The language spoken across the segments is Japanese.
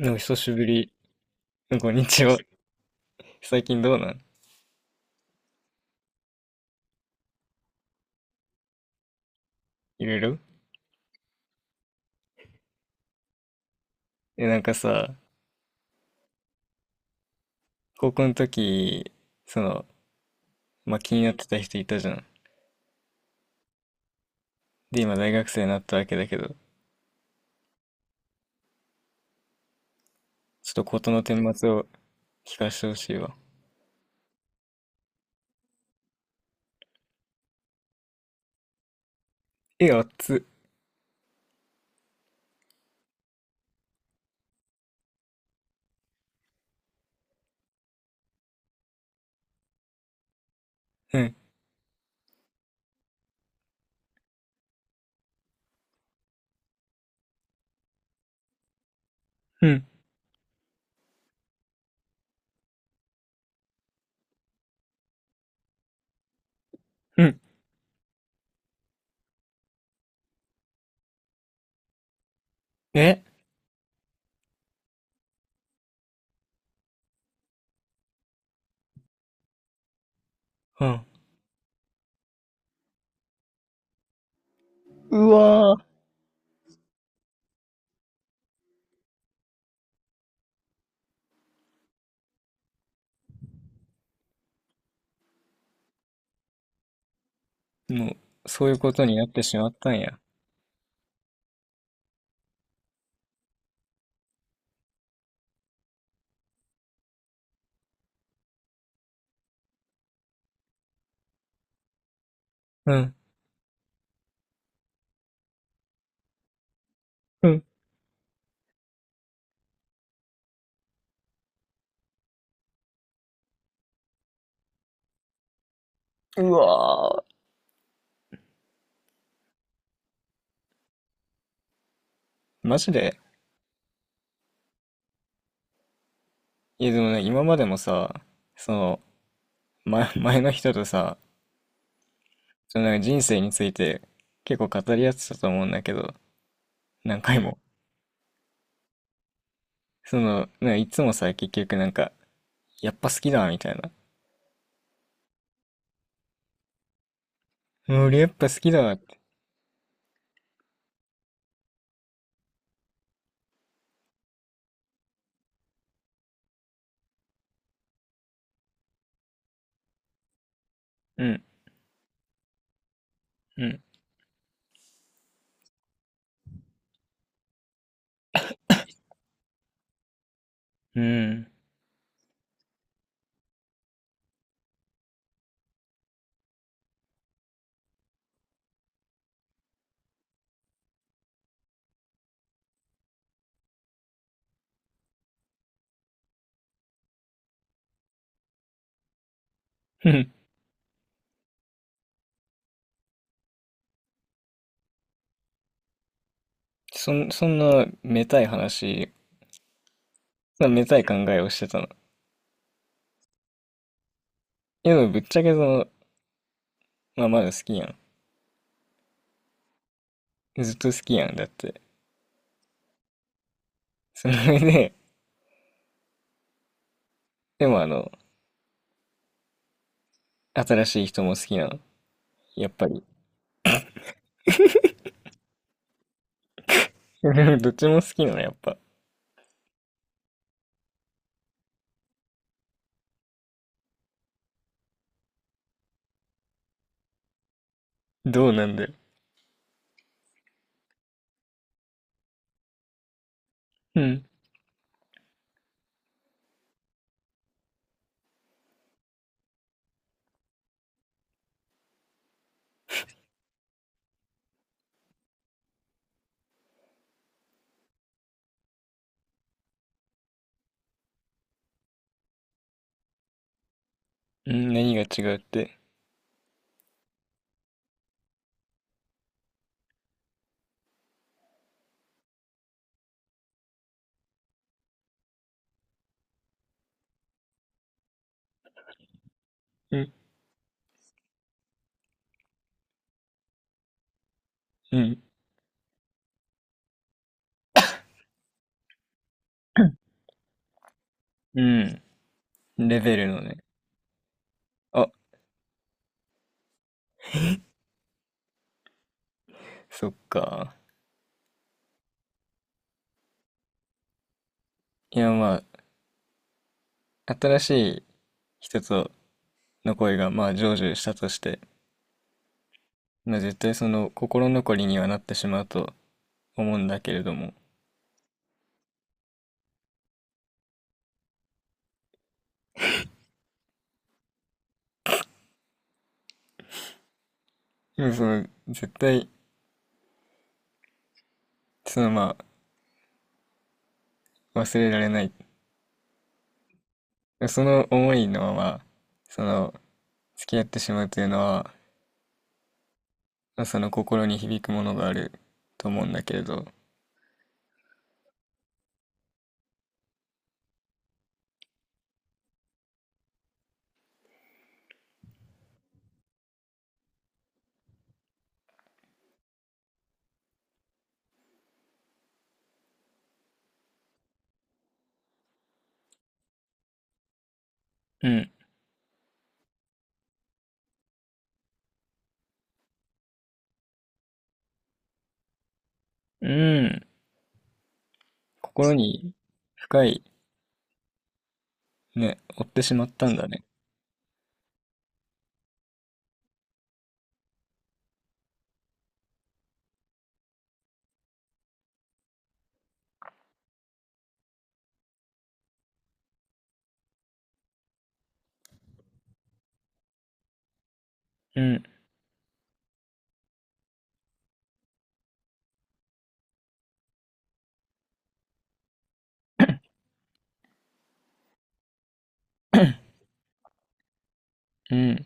お久しぶり。こんにちは。最近どうなん？いろいろ。え、なんかさ、高校の時、その、まあ、気になってた人いたじゃん。で、今大学生になったわけだけど、ちょっと事の顛末を聞かせてほしいわ。え、あっつ。うん、うん、うん。えうん。うわー。もう、そういうことになってしまったんや。うん、うん。うわー。マジで。いや、でもね、今までもさ、その、前の人とさ、そのなんか人生について結構語り合ってたと思うんだけど、何回も。その、なんかいつもさ、結局なんか、やっぱ好きだ、みたいな。うん俺やっぱ好きだって。うん、うん、うん。ふん。 そんな、めたい話、そんなめたい考えをしてたの。いやでもぶっちゃけその、まあまだ好きやん。ずっと好きやん、だって。その上で、でもあの、新しい人も好きなの。やっぱり。どっちも好きなの、やっぱ。どうなんだよ。うん。うん、何が違うって。うん、うん。うん。レベルのね。あ、そっか。いや、まあ、新しい人との恋が、まあ、成就したとして、まあ、絶対その心残りにはなってしまうと思うんだけれども、でもその、絶対、その、まあ、忘れられない。その思いのまま、その、付き合ってしまうというのは、まあその心に響くものがあると思うんだけれど、うん、うん、心に深い、ね、追ってしまったんだね。うん。うん。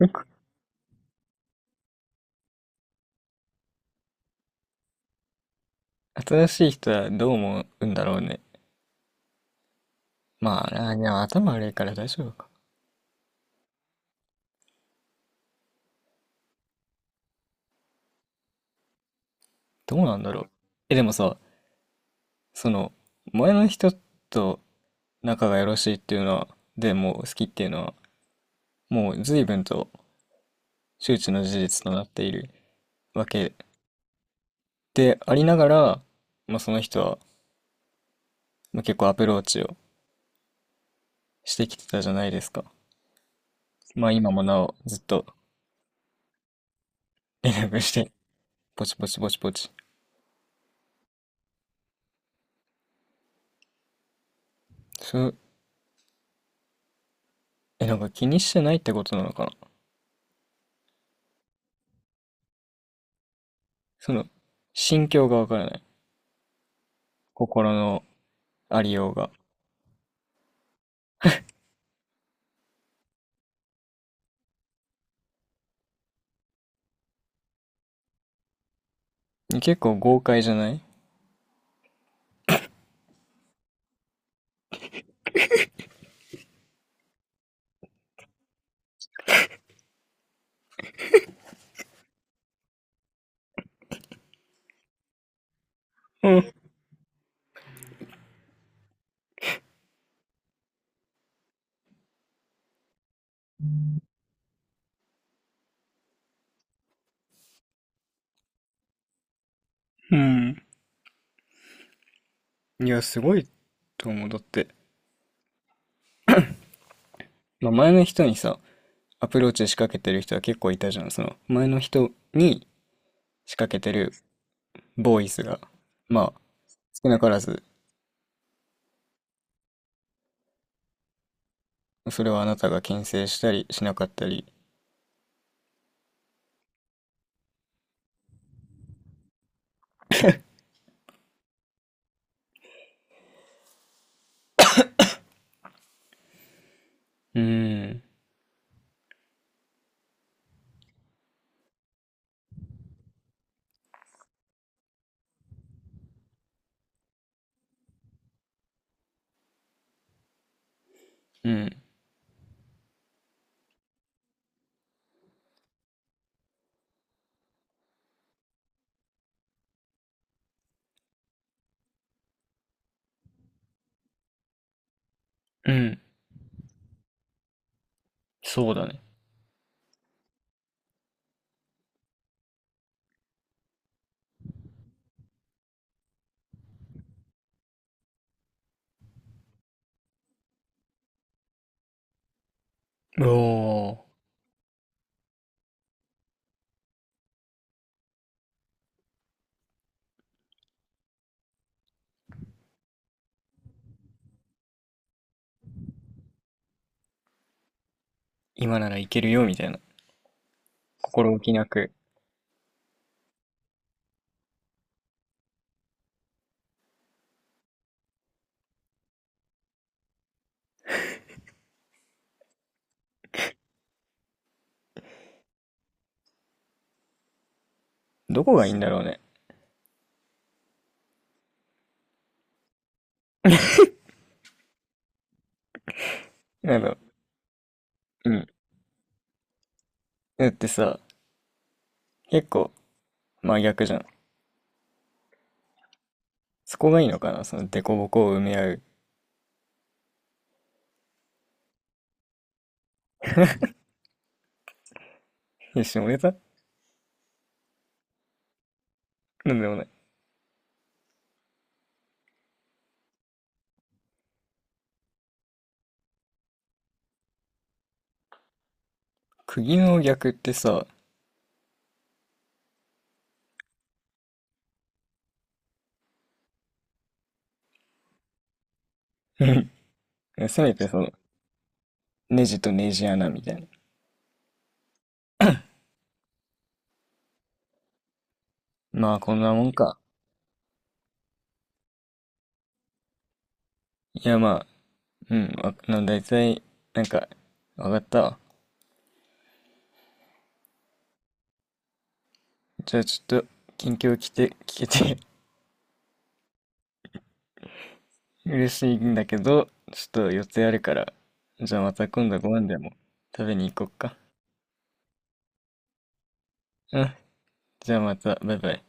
よく、新しい人はどう思うんだろうね。まあ、でも頭悪いから大丈夫か。どうなんだろう。え、でもさ、その、前の人と仲がよろしいっていうのは、でもう好きっていうのは、もう随分と周知の事実となっているわけでありながら、まあ、その人は、まあ、結構アプローチをしてきてたじゃないですか。まあ今もなおずっと連絡して、ポチポチポチポチ。そう、え、なんか気にしてないってことなのかな。その、心境がわからない。心のありようが。結構豪快じゃない？うん。うん。いや、すごいと思う。だって、まあ、前の人にさ、アプローチ仕掛けてる人は結構いたじゃん。その、前の人に仕掛けてるボーイスが、まあ、少なからず、それはあなたが牽制したりしなかったり。うーん、うん、うん、そうだね。おお、今ならいけるよ、みたいな。心置きなく。どこがいいんだろうね。なんか、うん。だってさ、結構真逆じゃん。そこがいいのかなその凸凹を埋め合う。いや、下ネタなんでもない。釘の逆ってさ、せめてその、ネジとネジ穴みたいな。まあ、こんなもんか。いや、まあ、うん、大なんだいたい、なんか、わかったわ。じゃあちょっと、近況来て、聞けて 嬉しいんだけど、ちょっと予定あるから、じゃあまた今度ご飯でも食べに行こっか。うん、じゃあまた、バイバイ。